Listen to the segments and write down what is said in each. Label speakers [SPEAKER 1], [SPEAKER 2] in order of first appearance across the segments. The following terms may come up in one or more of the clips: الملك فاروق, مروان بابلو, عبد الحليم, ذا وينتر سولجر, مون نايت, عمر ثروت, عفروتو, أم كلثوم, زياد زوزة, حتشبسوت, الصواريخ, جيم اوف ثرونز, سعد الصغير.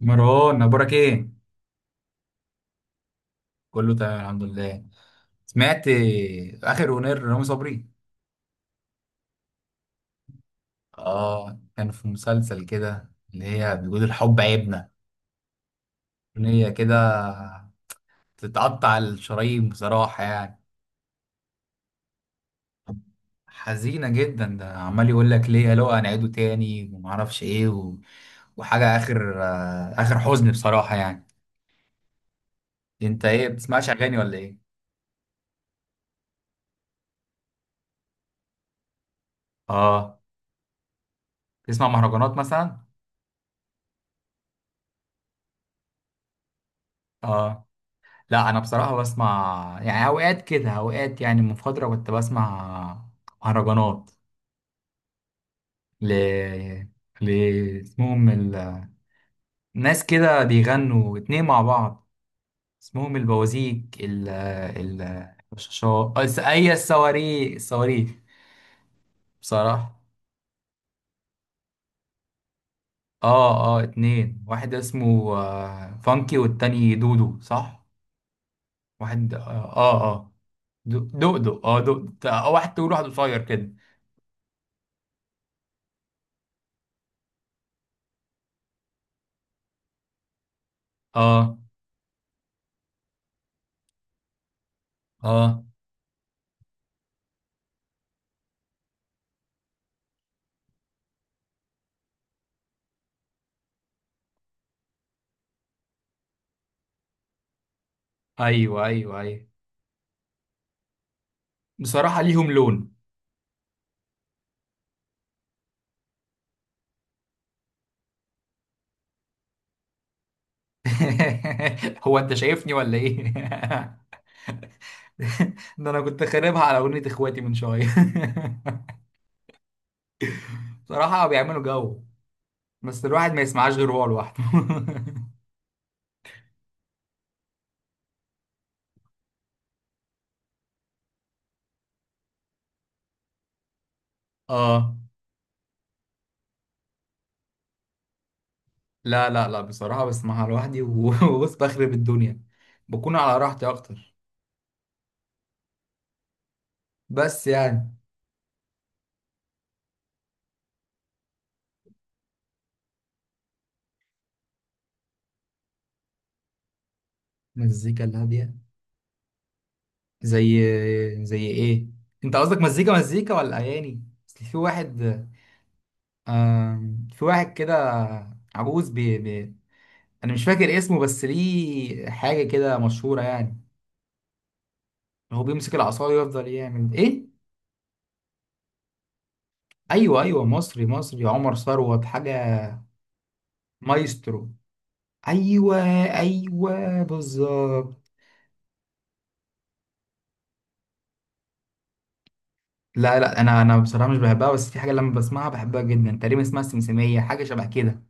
[SPEAKER 1] مروان، اخبارك ايه؟ كله تمام، الحمد لله. سمعت اخر اغنيه لرامي صبري؟ اه، كان في مسلسل كده اللي هي بيقول الحب عيبنا. اغنيه كده. تتقطع الشرايين بصراحه يعني. حزينه جدا، ده عمال يقول لك ليه لو هنعيده تاني ومعرفش ايه وحاجه اخر اخر حزن بصراحه يعني. انت ايه، بتسمعش اغاني ولا ايه؟ اه. تسمع مهرجانات مثلا؟ اه، لا، انا بصراحه بسمع، يعني اوقات كده اوقات، يعني من فتره كنت بسمع مهرجانات. ل ل اسمهم ال... ناس كده بيغنوا اتنين مع بعض، اسمهم البوازيك. ال ال اي الصواريخ، بصراحه. اه، اه، اتنين، واحد اسمه فانكي والتاني دودو، صح؟ واحد، اه. اه، آه. دودو واحد طويل واحد قصير كده. اه، اه، ايوه، ايوه، ايوه. بصراحة ليهم لون. هو انت شايفني ولا ايه؟ ده انا كنت خاربها على اغنية اخواتي من شوية. بصراحة بيعملوا جو، بس الواحد ما يسمعهاش غير هو لوحده. اه، لا، لا، لا، بصراحة بسمعها لوحدي وبص، بخرب الدنيا. بكون على راحتي اكتر، بس يعني. مزيكا الهادية؟ زي زي ايه؟ انت قصدك مزيكا مزيكا ولا اغاني؟ اصل في واحد، في واحد كده، عجوز بي بي، انا مش فاكر اسمه، بس ليه حاجه كده مشهوره يعني. هو بيمسك العصايه ويفضل يعمل ايه. ايوه، ايوه، مصري، مصري، عمر ثروت حاجه. مايسترو. ايوه، ايوه، بالظبط. لا، لا، انا بصراحه مش بحبها، بس في حاجه لما بسمعها بحبها جدا، تقريبا اسمها السمسميه، حاجه شبه كده.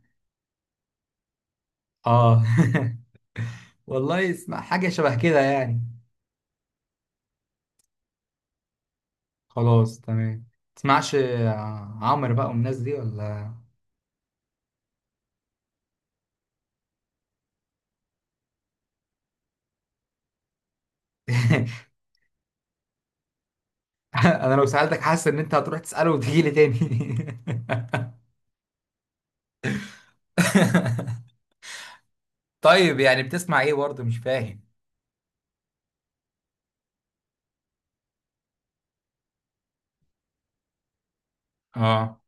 [SPEAKER 1] اه. والله، اسمع حاجه شبه كده يعني. خلاص، تمام. تسمعش عمرو بقى والناس دي ولا؟ انا لو سألتك حاسس ان انت هتروح تسأله وتيجي لي تاني. طيب، يعني بتسمع ايه برضه؟ مش فاهم. اه،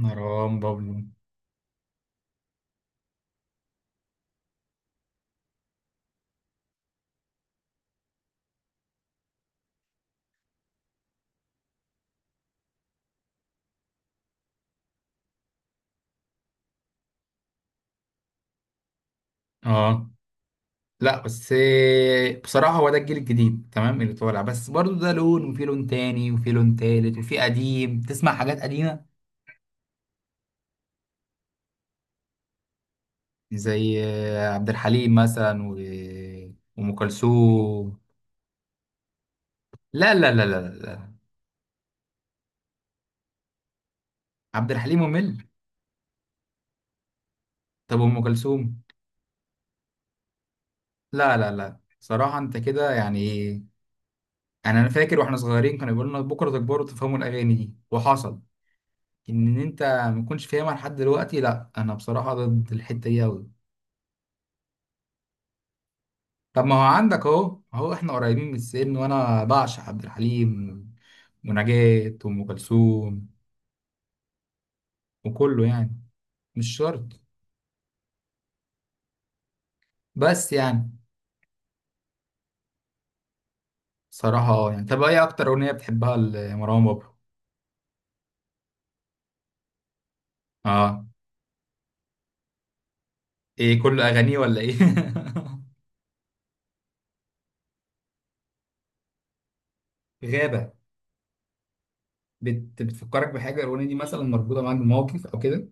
[SPEAKER 1] مروان بابلو؟ اه. لا بس إيه، بصراحة هو ده الجيل الجديد تمام اللي طالع، بس برضو ده لون وفي لون تاني وفي لون تالت وفي قديم تسمع حاجات قديمة، زي عبد الحليم مثلا وأم كلثوم. لا، لا، لا، لا، لا، عبد الحليم ممل؟ طب أم كلثوم؟ لا، لا، لا، صراحة أنت كده يعني. يعني انا فاكر واحنا صغيرين كانوا بيقولوا لنا بكره تكبروا تفهموا الاغاني دي، وحصل ان انت ما تكونش فاهمها لحد دلوقتي. لا انا بصراحه ضد الحته دي قوي. طب ما هو عندك اهو اهو، احنا قريبين من السن وانا بعشق عبد الحليم ونجاة وام كلثوم وكله يعني. مش شرط. بس يعني صراحه اه يعني. طب ايه اكتر اغنيه بتحبها لمروان بابلو؟ اه، ايه، كل اغانيه ولا ايه؟ غابه. بتفكرك بحاجه، الاغنيه دي مثلا مربوطه معاك بموقف او كده؟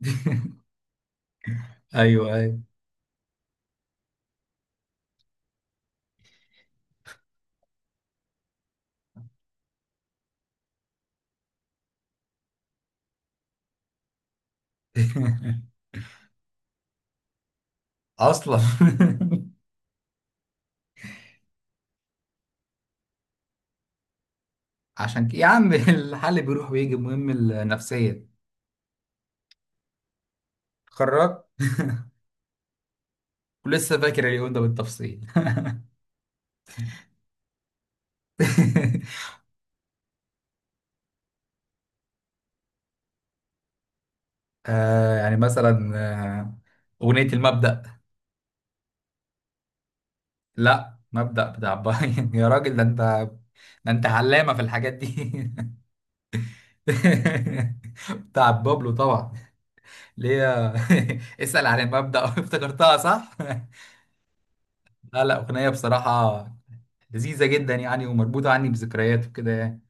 [SPEAKER 1] ايوه، ايوه. اصلا. عشان كده يا عم، الحل بيروح ويجي، المهم النفسيه. اتخرجت ولسه فاكر اليوم ده بالتفصيل؟ آه، يعني مثلا اغنيه المبدأ. لا، مبدأ بتاع باين؟ يا راجل ده انت، ده انت علامه في الحاجات دي. بتاع بابلو طبعا، اللي هي، اسأل عن المبدأ. افتكرتها، صح؟ لا، لا، اغنيه بصراحه لذيذه جدا يعني، ومربوطه عني بذكريات وكده يعني.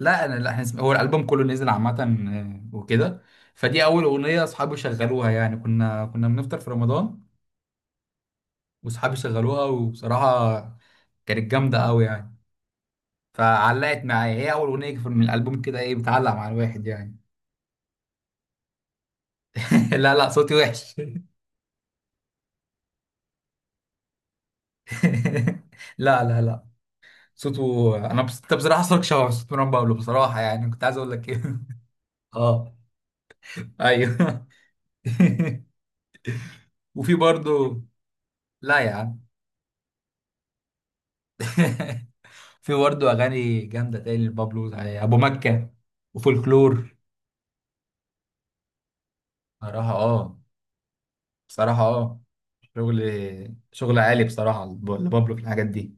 [SPEAKER 1] لا انا، لا احنا، هو الالبوم كله نزل عامه وكده. فدي اول اغنيه اصحابي شغلوها، يعني كنا بنفطر في رمضان، واصحابي شغلوها وبصراحه كانت جامده قوي يعني. فعلقت معايا، هي اول اغنيه من الالبوم، كده ايه بتعلق مع الواحد يعني. لا، لا، صوتي وحش. لا، لا، لا، صوته انا انت بصراحه صوتك شبه صوت مروان بابلو بصراحه، يعني كنت عايز اقول لك ايه. اه، ايوه. وفي برضه، لا يا عم. في برضه اغاني جامده تاني لبابلو، يعني ابو مكه وفولكلور. صراحه اه، بصراحه اه، شغل شغل عالي بصراحه لبابلو في الحاجات دي.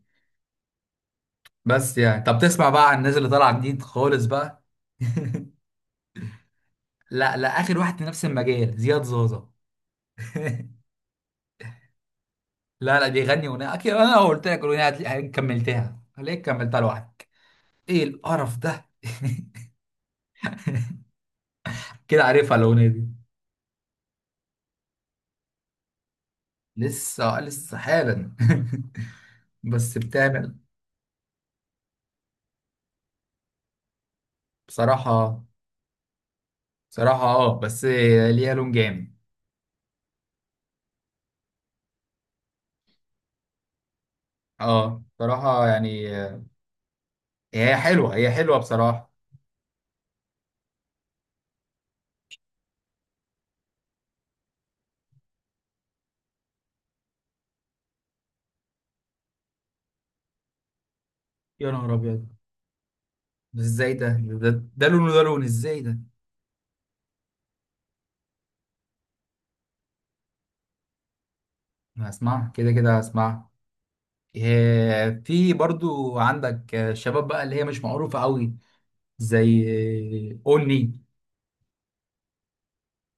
[SPEAKER 1] بس يعني طب، تسمع بقى عن الناس اللي طالعه جديد خالص بقى؟ لا، لا، اخر واحد في نفس المجال، زياد زوزة. لا، لا، بيغني اغنيه اكيد، انا لو قلت لك الاغنيه هتلاقي، هتلاقيك كملتها، هلاقيك كملتها لوحدك. ايه القرف ده! كده عارفها الاغنيه دي؟ لسه حالا. بس بتعمل، بصراحة بصراحة اه، بس ليها لون جامد. اه، بصراحة يعني، هي حلوة، هي حلوة بصراحة. يا نهار أبيض، بس ازاي ده لون وده لون، ازاي ده؟ أنا هسمعها كده كده، هسمعها. إيه، في برضو عندك شباب بقى اللي هي مش معروفة قوي، زي أوني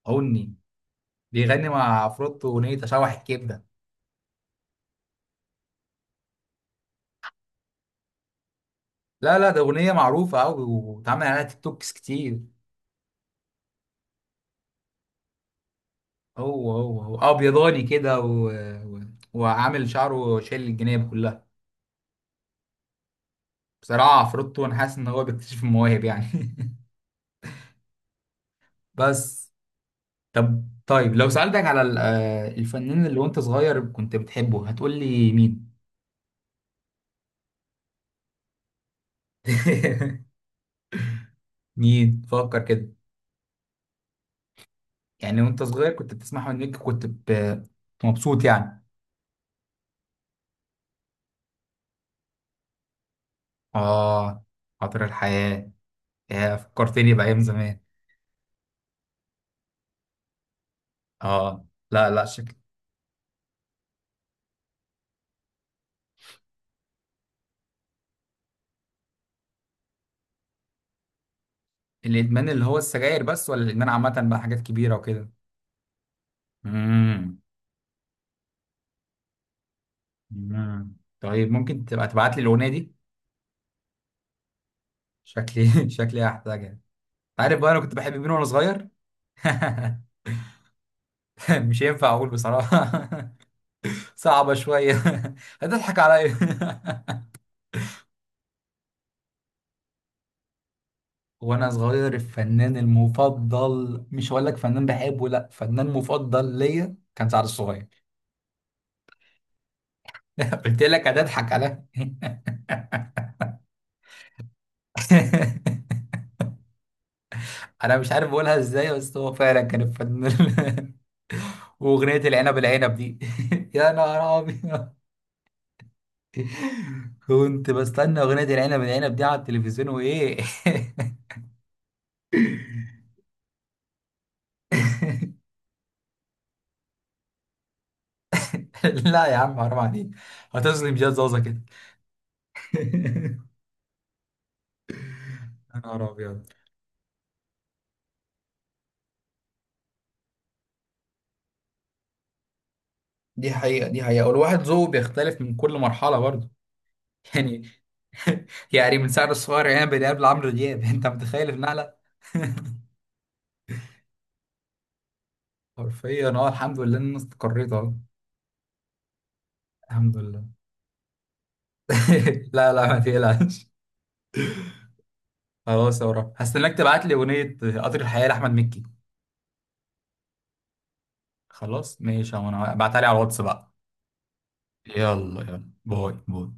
[SPEAKER 1] أوني بيغني مع عفروتو أغنية أشوح الكبدة. لا، لا، ده أغنية معروفة أوي، واتعمل عليها تيك توكس كتير. هو ابيضاني كده و... وعامل شعره شايل الجناب كلها. بصراحه عفروتو انا حاسس ان هو بيكتشف المواهب يعني. بس، طب طيب لو سالتك على الفنان اللي وانت صغير كنت بتحبه، هتقول لي مين؟ مين، فكر كده. يعني وانت صغير كنت بتسمع، منك كنت مبسوط يعني؟ اه، خاطر الحياه؟ يا، فكرتني بايام زمان. اه، لا لا شكل. الادمان اللي هو السجاير بس، ولا الادمان عامه بقى، حاجات كبيره وكده؟ امم. طيب ممكن تبقى تبعت لي الاغنيه دي؟ شكلي. شكلي هحتاجها. انت عارف بقى انا كنت بحب مين وانا صغير؟ مش ينفع اقول بصراحه. صعبه شويه. هتضحك عليا. وانا صغير الفنان المفضل، مش هقول لك فنان بحبه، لا، فنان مفضل ليا، كان سعد الصغير. قلت لك هتضحك عليا. انا مش عارف اقولها ازاي، بس هو فعلا كان الفنان. واغنيه العنب العنب دي. يا نهار ابيض، كنت بستنى اغنيه العنب العنب دي على التلفزيون وايه. لا يا عم، حرام عليك، هتظلم جهاز زازا كده. يا نهار ابيض، دي حقيقه، دي حقيقه، والواحد ذوقه بيختلف من كل مرحله برضه يعني. يعني من سعر الصغير عنب العنب لعمرو دياب، انت متخيل النقله؟ حرفيا، اه، الحمد لله ان انا استقريت اهو، الحمد لله. لا، لا، ما تقلقش. خلاص يا ورا، هستناك تبعت لي اغنيه قطر الحياه لاحمد مكي. خلاص ماشي يا عم، انا ابعتها لي على الواتس بقى. يلا، يلا، باي، باي.